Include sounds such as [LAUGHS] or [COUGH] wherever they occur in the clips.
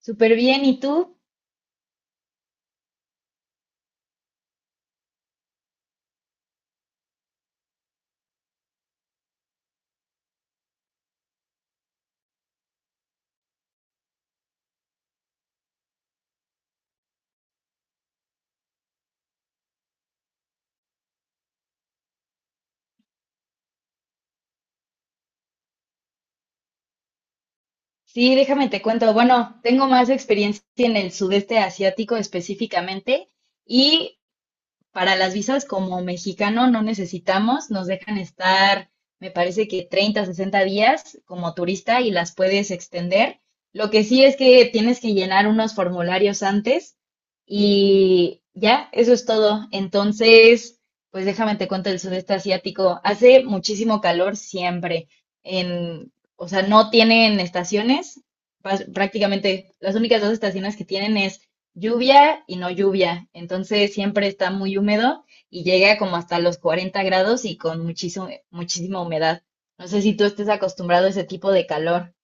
Súper bien, ¿y tú? Sí, déjame te cuento. Bueno, tengo más experiencia en el sudeste asiático específicamente y para las visas como mexicano no necesitamos, nos dejan estar, me parece que 30, 60 días como turista y las puedes extender. Lo que sí es que tienes que llenar unos formularios antes y ya, eso es todo. Entonces, pues déjame te cuento el sudeste asiático. Hace muchísimo calor siempre. En, o sea, no tienen estaciones. Prácticamente las únicas dos estaciones que tienen es lluvia y no lluvia, entonces siempre está muy húmedo y llega como hasta los 40 grados y con muchísimo, muchísima humedad. No sé si tú estés acostumbrado a ese tipo de calor.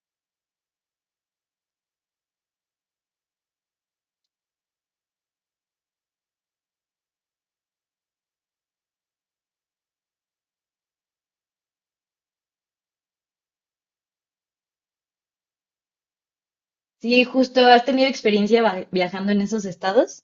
Sí, justo, ¿has tenido experiencia viajando en esos estados?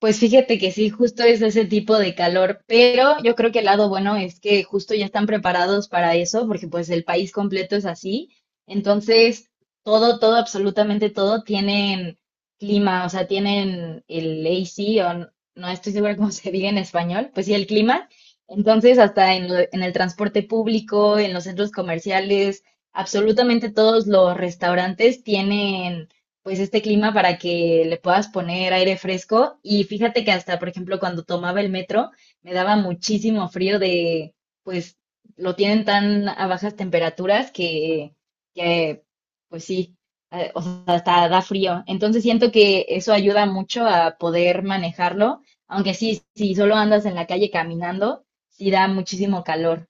Pues fíjate que sí, justo es ese tipo de calor, pero yo creo que el lado bueno es que justo ya están preparados para eso, porque pues el país completo es así. Entonces, todo, todo, absolutamente todo tienen clima, o sea, tienen el AC, o no estoy segura cómo [LAUGHS] se diga en español, pues sí, el clima. Entonces, hasta en, en el transporte público, en los centros comerciales, absolutamente todos los restaurantes tienen pues este clima para que le puedas poner aire fresco. Y fíjate que hasta, por ejemplo, cuando tomaba el metro, me daba muchísimo frío de, pues lo tienen tan a bajas temperaturas que pues sí, o sea, hasta da frío. Entonces siento que eso ayuda mucho a poder manejarlo, aunque sí, si solo andas en la calle caminando, sí da muchísimo calor.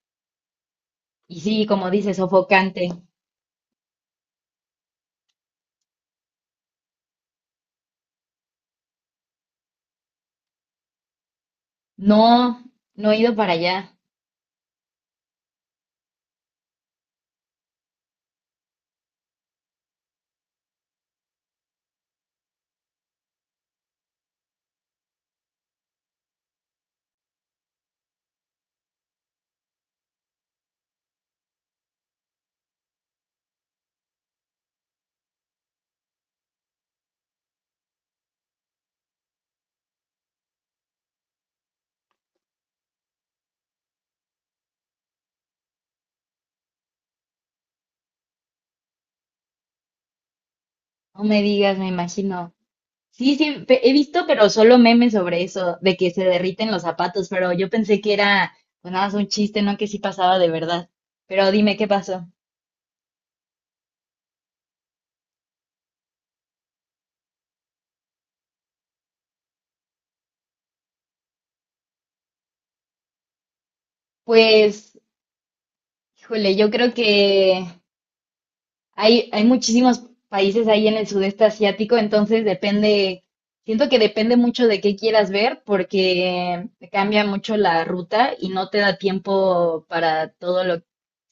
Y sí, como dices, sofocante. No, no he ido para allá. No me digas, me imagino. Sí, sí, he visto, pero solo memes sobre eso, de que se derriten los zapatos, pero yo pensé que era pues nada más un chiste, no que sí pasaba de verdad. Pero dime qué pasó. Pues, híjole, yo creo que hay muchísimos países ahí en el sudeste asiático, entonces depende, siento que depende mucho de qué quieras ver porque te cambia mucho la ruta y no te da tiempo para todo lo. O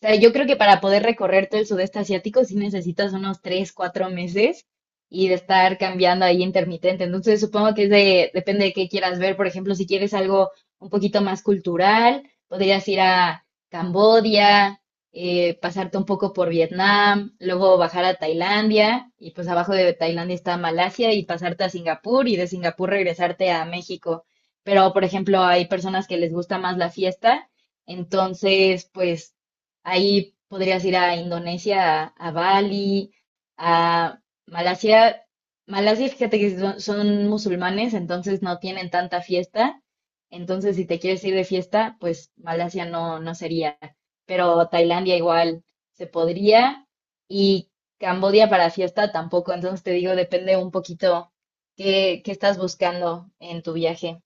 sea, yo creo que para poder recorrer todo el sudeste asiático sí necesitas unos tres, cuatro meses y de estar cambiando ahí intermitente. Entonces supongo que es de, depende de qué quieras ver. Por ejemplo, si quieres algo un poquito más cultural, podrías ir a Cambodia, pasarte un poco por Vietnam, luego bajar a Tailandia y pues abajo de Tailandia está Malasia y pasarte a Singapur y de Singapur regresarte a México. Pero, por ejemplo, hay personas que les gusta más la fiesta, entonces pues ahí podrías ir a Indonesia, a Bali, a Malasia. Malasia, fíjate que son musulmanes, entonces no tienen tanta fiesta. Entonces, si te quieres ir de fiesta, pues Malasia no, no sería, pero Tailandia igual se podría, y Cambodia para fiesta tampoco. Entonces te digo, depende un poquito qué, qué estás buscando en tu viaje.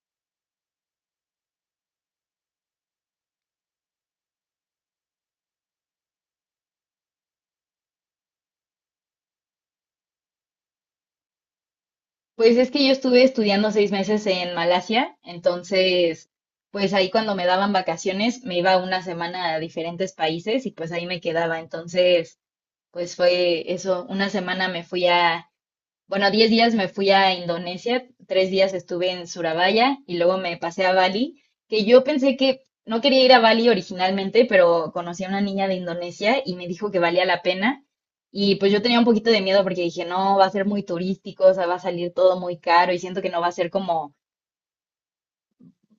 Pues es que yo estuve estudiando 6 meses en Malasia, entonces pues ahí cuando me daban vacaciones me iba una semana a diferentes países y pues ahí me quedaba. Entonces, pues fue eso, una semana me fui a... Bueno, 10 días me fui a Indonesia, tres días estuve en Surabaya y luego me pasé a Bali, que yo pensé que no quería ir a Bali originalmente, pero conocí a una niña de Indonesia y me dijo que valía la pena. Y pues yo tenía un poquito de miedo porque dije, no, va a ser muy turístico, o sea, va a salir todo muy caro y siento que no va a ser como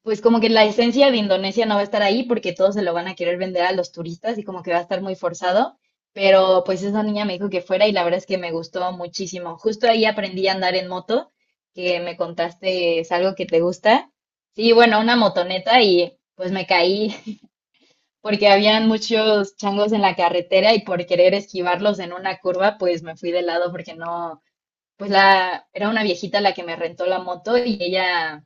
pues como que la esencia de Indonesia no va a estar ahí porque todos se lo van a querer vender a los turistas y como que va a estar muy forzado. Pero pues esa niña me dijo que fuera y la verdad es que me gustó muchísimo. Justo ahí aprendí a andar en moto, que me contaste es algo que te gusta. Sí, bueno, una motoneta y pues me caí [LAUGHS] porque habían muchos changos en la carretera y por querer esquivarlos en una curva, pues me fui de lado porque no, pues la, era una viejita la que me rentó la moto y ella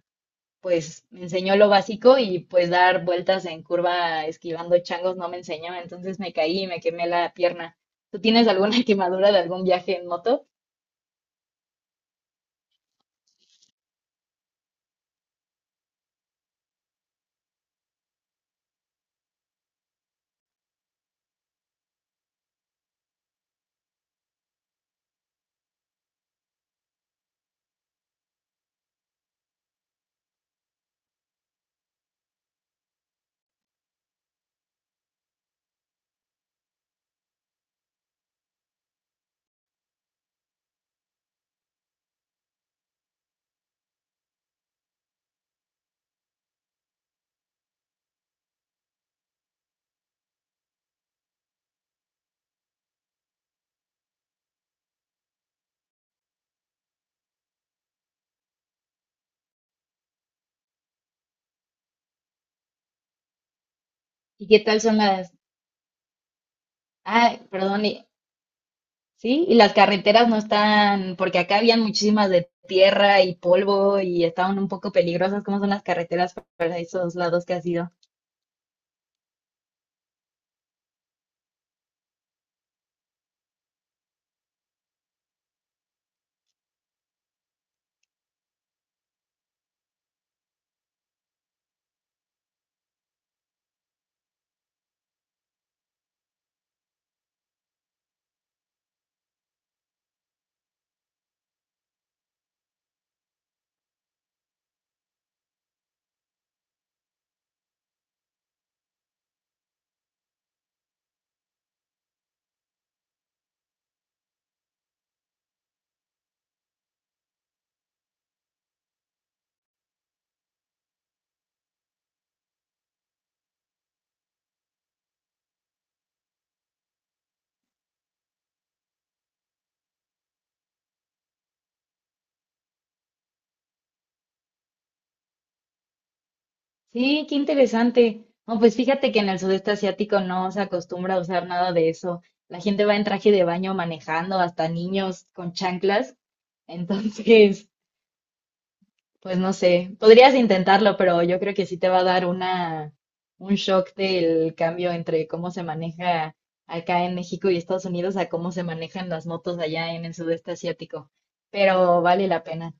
pues me enseñó lo básico y pues dar vueltas en curva esquivando changos no me enseñó, entonces me caí y me quemé la pierna. ¿Tú tienes alguna [LAUGHS] quemadura de algún viaje en moto? ¿Y qué tal son las... Ah, perdón, sí, y las carreteras no están, porque acá habían muchísimas de tierra y polvo y estaban un poco peligrosas, ¿cómo son las carreteras para esos lados que has ido? Sí, qué interesante. No, pues fíjate que en el sudeste asiático no se acostumbra a usar nada de eso. La gente va en traje de baño manejando, hasta niños con chanclas. [LAUGHS] Entonces, pues no sé, podrías intentarlo, pero yo creo que sí te va a dar una, un shock del cambio entre cómo se maneja acá en México y Estados Unidos a cómo se manejan las motos allá en el sudeste asiático. Pero vale la pena.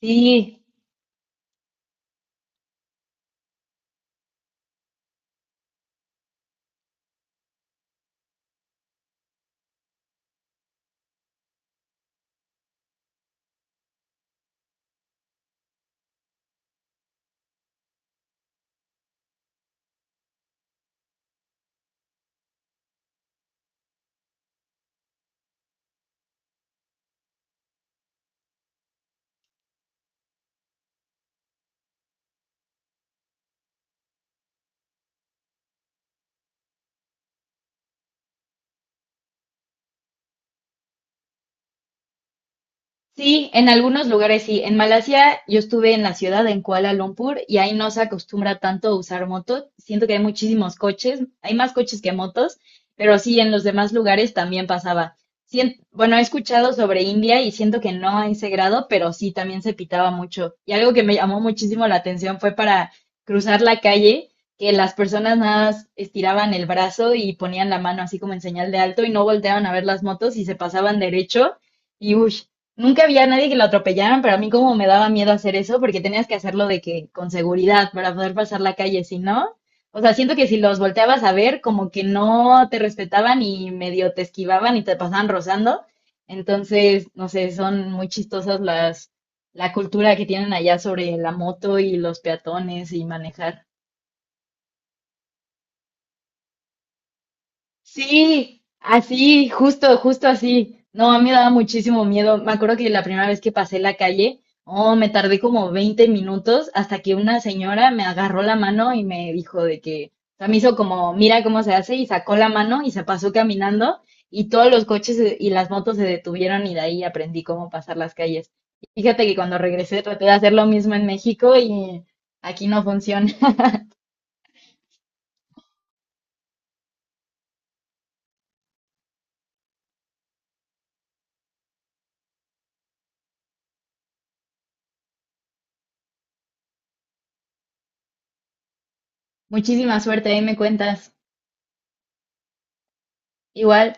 Sí, sí, en algunos lugares sí. En Malasia yo estuve en la ciudad, en Kuala Lumpur, y ahí no se acostumbra tanto a usar motos. Siento que hay muchísimos coches, hay más coches que motos, pero sí, en los demás lugares también pasaba. Bueno, he escuchado sobre India y siento que no a ese grado, pero sí, también se pitaba mucho. Y algo que me llamó muchísimo la atención fue para cruzar la calle, que las personas nada más estiraban el brazo y ponían la mano así como en señal de alto y no volteaban a ver las motos y se pasaban derecho. Y uy, nunca había nadie que lo atropellaran, pero a mí como me daba miedo hacer eso, porque tenías que hacerlo de que con seguridad para poder pasar la calle, si no, o sea, siento que si los volteabas a ver, como que no te respetaban y medio te esquivaban y te pasaban rozando. Entonces, no sé, son muy chistosas las la cultura que tienen allá sobre la moto y los peatones y manejar. Sí, así, justo, justo así. No, a mí me daba muchísimo miedo. Me acuerdo que la primera vez que pasé la calle, oh, me tardé como 20 minutos hasta que una señora me agarró la mano y me dijo de que, o sea, me hizo como, mira cómo se hace y sacó la mano y se pasó caminando y todos los coches y las motos se detuvieron y de ahí aprendí cómo pasar las calles. Fíjate que cuando regresé traté de hacer lo mismo en México y aquí no funciona. [LAUGHS] Muchísima suerte, ahí me cuentas. Igual.